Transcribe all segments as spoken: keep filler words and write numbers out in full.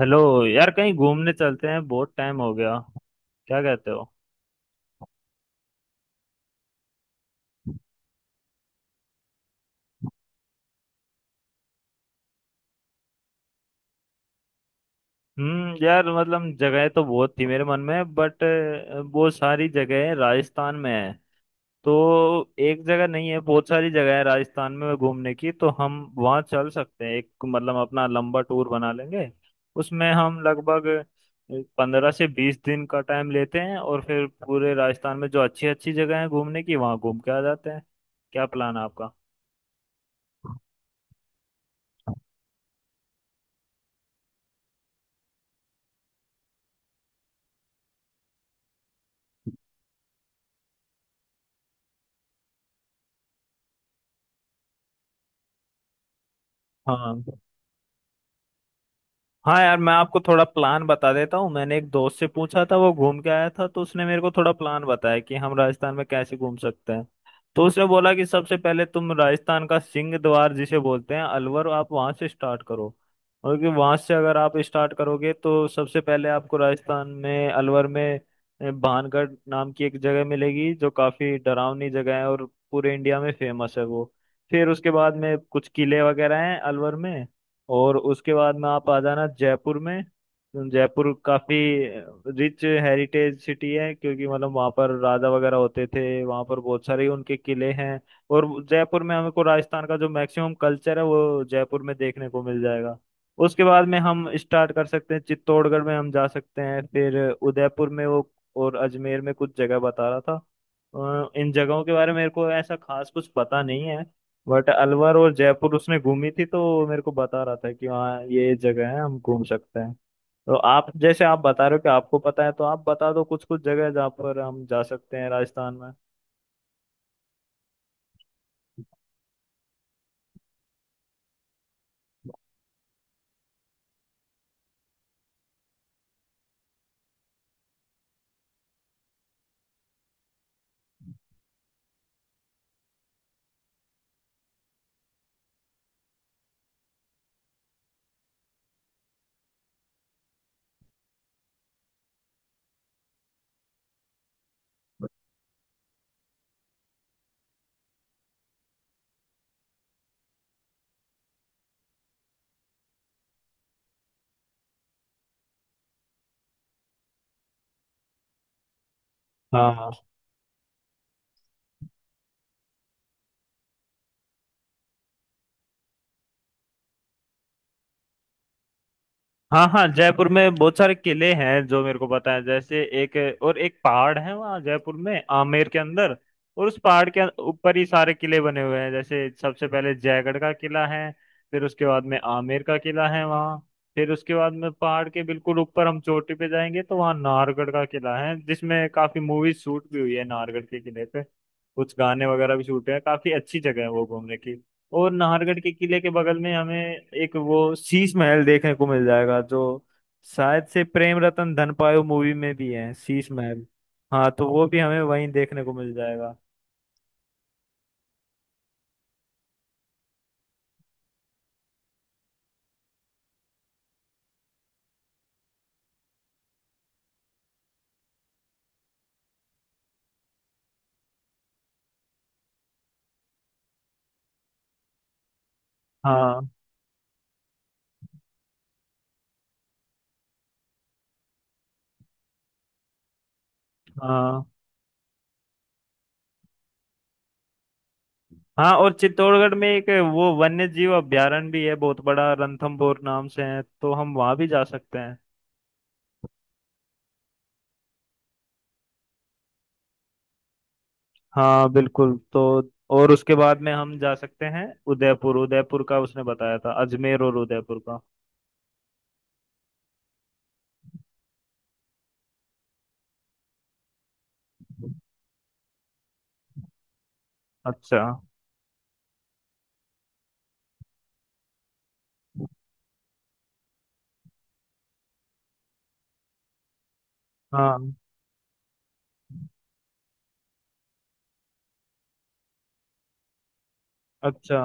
Hello. यार कहीं घूमने चलते हैं, बहुत टाइम हो गया। क्या कहते हो? हम्म यार मतलब जगह तो बहुत थी मेरे मन में, बट बहुत सारी जगह राजस्थान में है। तो एक जगह नहीं है, बहुत सारी जगह है राजस्थान में घूमने की, तो हम वहाँ चल सकते हैं। एक मतलब अपना लंबा टूर बना लेंगे। उसमें हम लगभग पंद्रह से बीस दिन का टाइम लेते हैं और फिर पूरे राजस्थान में जो अच्छी अच्छी जगह है घूमने की, वहाँ घूम के आ जाते हैं। क्या प्लान है आपका? हाँ। हाँ यार, मैं आपको थोड़ा प्लान बता देता हूँ। मैंने एक दोस्त से पूछा था, वो घूम के आया था, तो उसने मेरे को थोड़ा प्लान बताया कि हम राजस्थान में कैसे घूम सकते हैं। तो उसने बोला कि सबसे पहले तुम राजस्थान का सिंह द्वार जिसे बोलते हैं अलवर, आप वहाँ से स्टार्ट करो। और कि वहाँ से अगर आप स्टार्ट करोगे तो सबसे पहले आपको राजस्थान में अलवर में अ, भानगढ़ नाम की एक जगह मिलेगी, जो काफी डरावनी जगह है और पूरे इंडिया में फेमस है वो। फिर उसके बाद में कुछ किले वगैरह हैं अलवर में। और उसके बाद में आप आ जाना जयपुर में। जयपुर काफी रिच हेरिटेज सिटी है, क्योंकि मतलब वहाँ पर राजा वगैरह होते थे, वहाँ पर बहुत सारे उनके किले हैं। और जयपुर में हमको राजस्थान का जो मैक्सिमम कल्चर है वो जयपुर में देखने को मिल जाएगा। उसके बाद में हम स्टार्ट कर सकते हैं, चित्तौड़गढ़ में हम जा सकते हैं, फिर उदयपुर में वो, और अजमेर में कुछ जगह बता रहा था। अ, इन जगहों के बारे में मेरे को ऐसा खास कुछ पता नहीं है, बट अलवर और जयपुर उसने घूमी थी, तो वो मेरे को बता रहा था कि हाँ ये जगह है, हम घूम सकते हैं। तो आप, जैसे आप बता रहे हो कि आपको पता है, तो आप बता दो कुछ कुछ जगह जहाँ पर हम जा सकते हैं राजस्थान में। हाँ, हाँ। हाँ, जयपुर में बहुत सारे किले हैं जो मेरे को पता है। जैसे एक, और एक पहाड़ है वहाँ जयपुर में आमेर के अंदर, और उस पहाड़ के ऊपर ही सारे किले बने हुए हैं। जैसे सबसे पहले जयगढ़ का किला है, फिर उसके बाद में आमेर का किला है वहाँ, फिर उसके बाद में पहाड़ के बिल्कुल ऊपर हम चोटी पे जाएंगे तो वहाँ नाहरगढ़ का किला है, जिसमें काफी मूवी शूट भी हुई है नाहरगढ़ के किले पे। कुछ गाने वगैरह भी शूट हुए हैं, काफी अच्छी जगह है वो घूमने की। और नाहरगढ़ के किले के बगल में हमें एक वो शीश महल देखने को मिल जाएगा, जो शायद से प्रेम रतन धनपायो मूवी में भी है शीश महल। हाँ, तो वो भी हमें वहीं देखने को मिल जाएगा। हाँ, हाँ। हाँ, और चित्तौड़गढ़ में एक वो वन्य जीव अभयारण्य भी है बहुत बड़ा, रणथंभौर नाम से है, तो हम वहां भी जा सकते हैं। हाँ बिल्कुल। तो और उसके बाद में हम जा सकते हैं उदयपुर। उदयपुर का उसने बताया था, अजमेर और उदयपुर का। अच्छा। हाँ। अच्छा।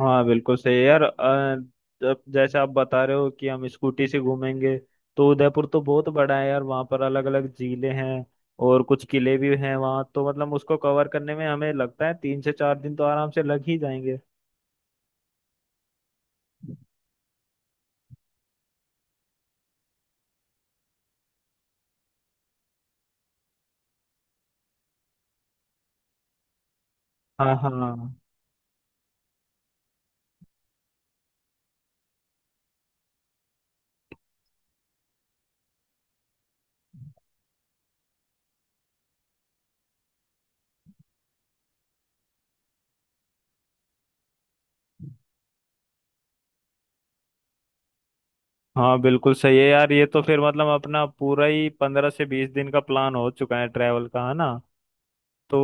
हाँ बिल्कुल सही है यार। अ, जब, जैसे आप बता रहे हो कि हम स्कूटी से घूमेंगे, तो उदयपुर तो बहुत बड़ा है यार, वहाँ पर अलग अलग झीलें हैं और कुछ किले भी हैं वहाँ, तो मतलब उसको कवर करने में हमें लगता है तीन से चार दिन तो आराम से लग ही जाएंगे। हाँ। हाँ। हाँ बिल्कुल सही है यार। ये तो फिर मतलब अपना पूरा ही पंद्रह से बीस दिन का प्लान हो चुका है ट्रैवल का, है ना? तो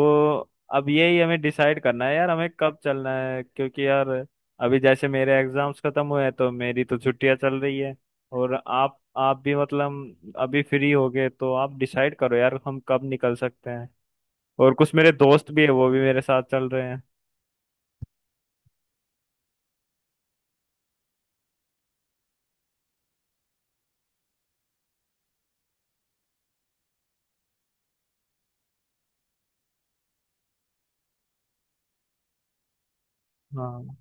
अब यही हमें डिसाइड करना है यार, हमें कब चलना है, क्योंकि यार अभी जैसे मेरे एग्जाम्स खत्म हुए हैं तो मेरी तो छुट्टियां चल रही है, और आप आप भी मतलब अभी फ्री हो गए, तो आप डिसाइड करो यार हम कब निकल सकते हैं। और कुछ मेरे दोस्त भी है, वो भी मेरे साथ चल रहे हैं। हाँ।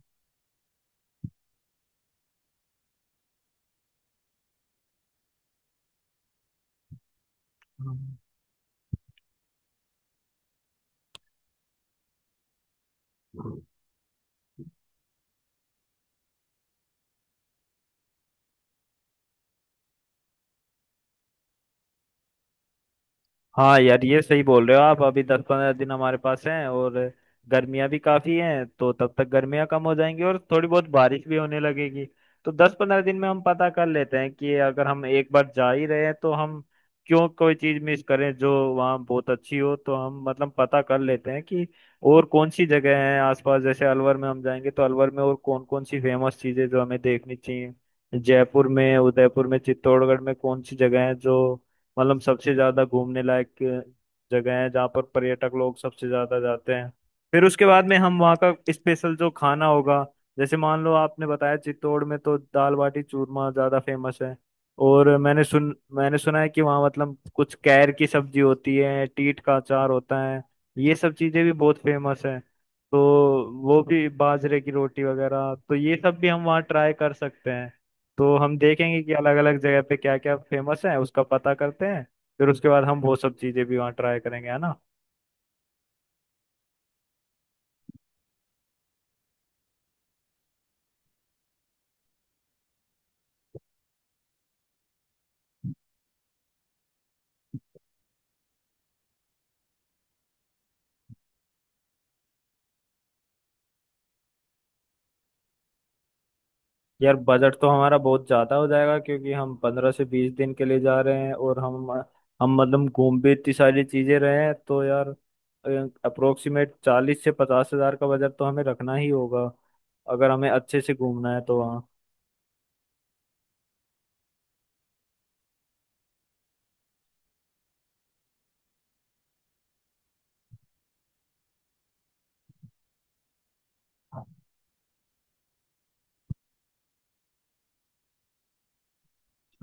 हाँ। हाँ यार, ये सही बोल रहे हो आप। अभी दस पंद्रह दिन हमारे पास हैं और गर्मियाँ भी काफ़ी हैं, तो तब तक गर्मियाँ कम हो जाएंगी और थोड़ी बहुत बारिश भी होने लगेगी। तो दस पंद्रह दिन में हम पता कर लेते हैं कि अगर हम एक बार जा ही रहे हैं तो हम क्यों कोई चीज़ मिस करें जो वहाँ बहुत अच्छी हो। तो हम मतलब पता कर लेते हैं कि और कौन सी जगह हैं आसपास। जैसे अलवर में हम जाएंगे तो अलवर में और कौन कौन सी फेमस चीज़ें जो हमें देखनी चाहिए, जयपुर में, उदयपुर में, चित्तौड़गढ़ में कौन सी जगह है जो मतलब सबसे ज्यादा घूमने लायक जगह है, जहाँ पर पर्यटक लोग सबसे ज्यादा जाते हैं। फिर उसके बाद में हम वहाँ का स्पेशल जो खाना होगा, जैसे मान लो आपने बताया चित्तौड़ में तो दाल बाटी चूरमा ज्यादा फेमस है, और मैंने सुन मैंने सुना है कि वहाँ मतलब कुछ कैर की सब्जी होती है, टीट का अचार होता है, ये सब चीजें भी बहुत फेमस है। तो वो भी, बाजरे की रोटी वगैरह, तो ये सब भी हम वहाँ ट्राई कर सकते हैं। तो हम देखेंगे कि अलग अलग जगह पे क्या क्या फेमस है, उसका पता करते हैं। फिर उसके बाद हम वो सब चीजें भी वहाँ ट्राई करेंगे, है ना? यार बजट तो हमारा बहुत ज्यादा हो जाएगा, क्योंकि हम पंद्रह से बीस दिन के लिए जा रहे हैं और हम हम मतलब घूम भी इतनी सारी चीजें रहे हैं। तो यार अप्रोक्सीमेट चालीस से पचास हजार का बजट तो हमें रखना ही होगा अगर हमें अच्छे से घूमना है तो वहाँ।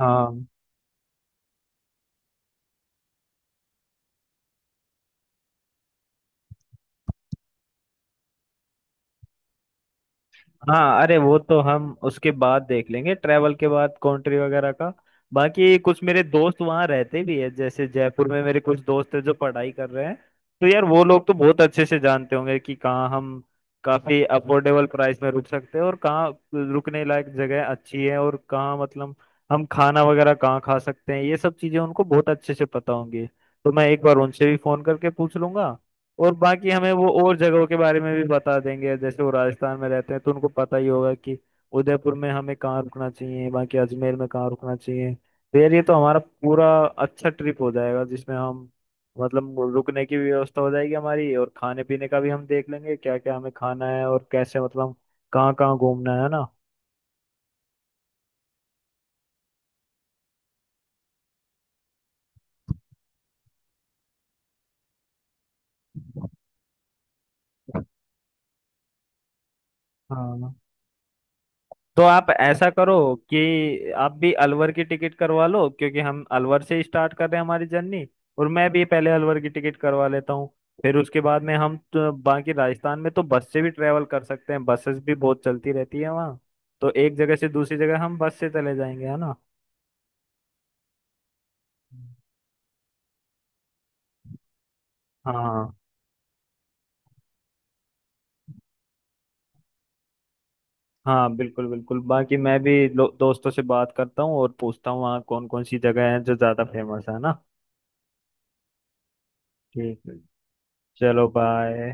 हाँ। हाँ, अरे वो तो हम उसके बाद देख लेंगे ट्रैवल के बाद, कंट्री वगैरह का। बाकी कुछ मेरे दोस्त वहाँ रहते भी है, जैसे जयपुर में मेरे कुछ दोस्त हैं जो पढ़ाई कर रहे हैं। तो यार वो लोग तो बहुत अच्छे से जानते होंगे कि कहाँ हम काफी अफोर्डेबल प्राइस में रुक सकते हैं, और कहाँ रुकने लायक जगह अच्छी है, और कहाँ मतलब हम खाना वगैरह कहाँ खा सकते हैं। ये सब चीजें उनको बहुत अच्छे से पता होंगी, तो मैं एक बार उनसे भी फोन करके पूछ लूंगा। और बाकी हमें वो और जगहों के बारे में भी बता देंगे, जैसे वो राजस्थान में रहते हैं तो उनको पता ही होगा कि उदयपुर में हमें कहाँ रुकना चाहिए, बाकी अजमेर में कहाँ रुकना चाहिए। तो यार ये तो हमारा पूरा अच्छा ट्रिप हो जाएगा, जिसमें हम मतलब रुकने की भी व्यवस्था हो जाएगी हमारी, और खाने पीने का भी हम देख लेंगे क्या क्या हमें खाना है, और कैसे मतलब कहाँ कहाँ घूमना है, ना? हाँ, तो आप ऐसा करो कि आप भी अलवर की टिकट करवा लो, क्योंकि हम अलवर से स्टार्ट कर रहे हैं हमारी जर्नी, और मैं भी पहले अलवर की टिकट करवा लेता हूँ। फिर उसके बाद में हम तो बाकी राजस्थान में तो बस से भी ट्रेवल कर सकते हैं, बसेस भी बहुत चलती रहती है वहाँ। तो एक जगह से दूसरी जगह हम बस से चले जाएंगे, है ना? हाँ। हाँ, बिल्कुल बिल्कुल। बाकी मैं भी लो- दोस्तों से बात करता हूँ और पूछता हूँ वहाँ कौन कौन सी जगह है जो ज़्यादा फेमस है, ना? ठीक है। चलो बाय।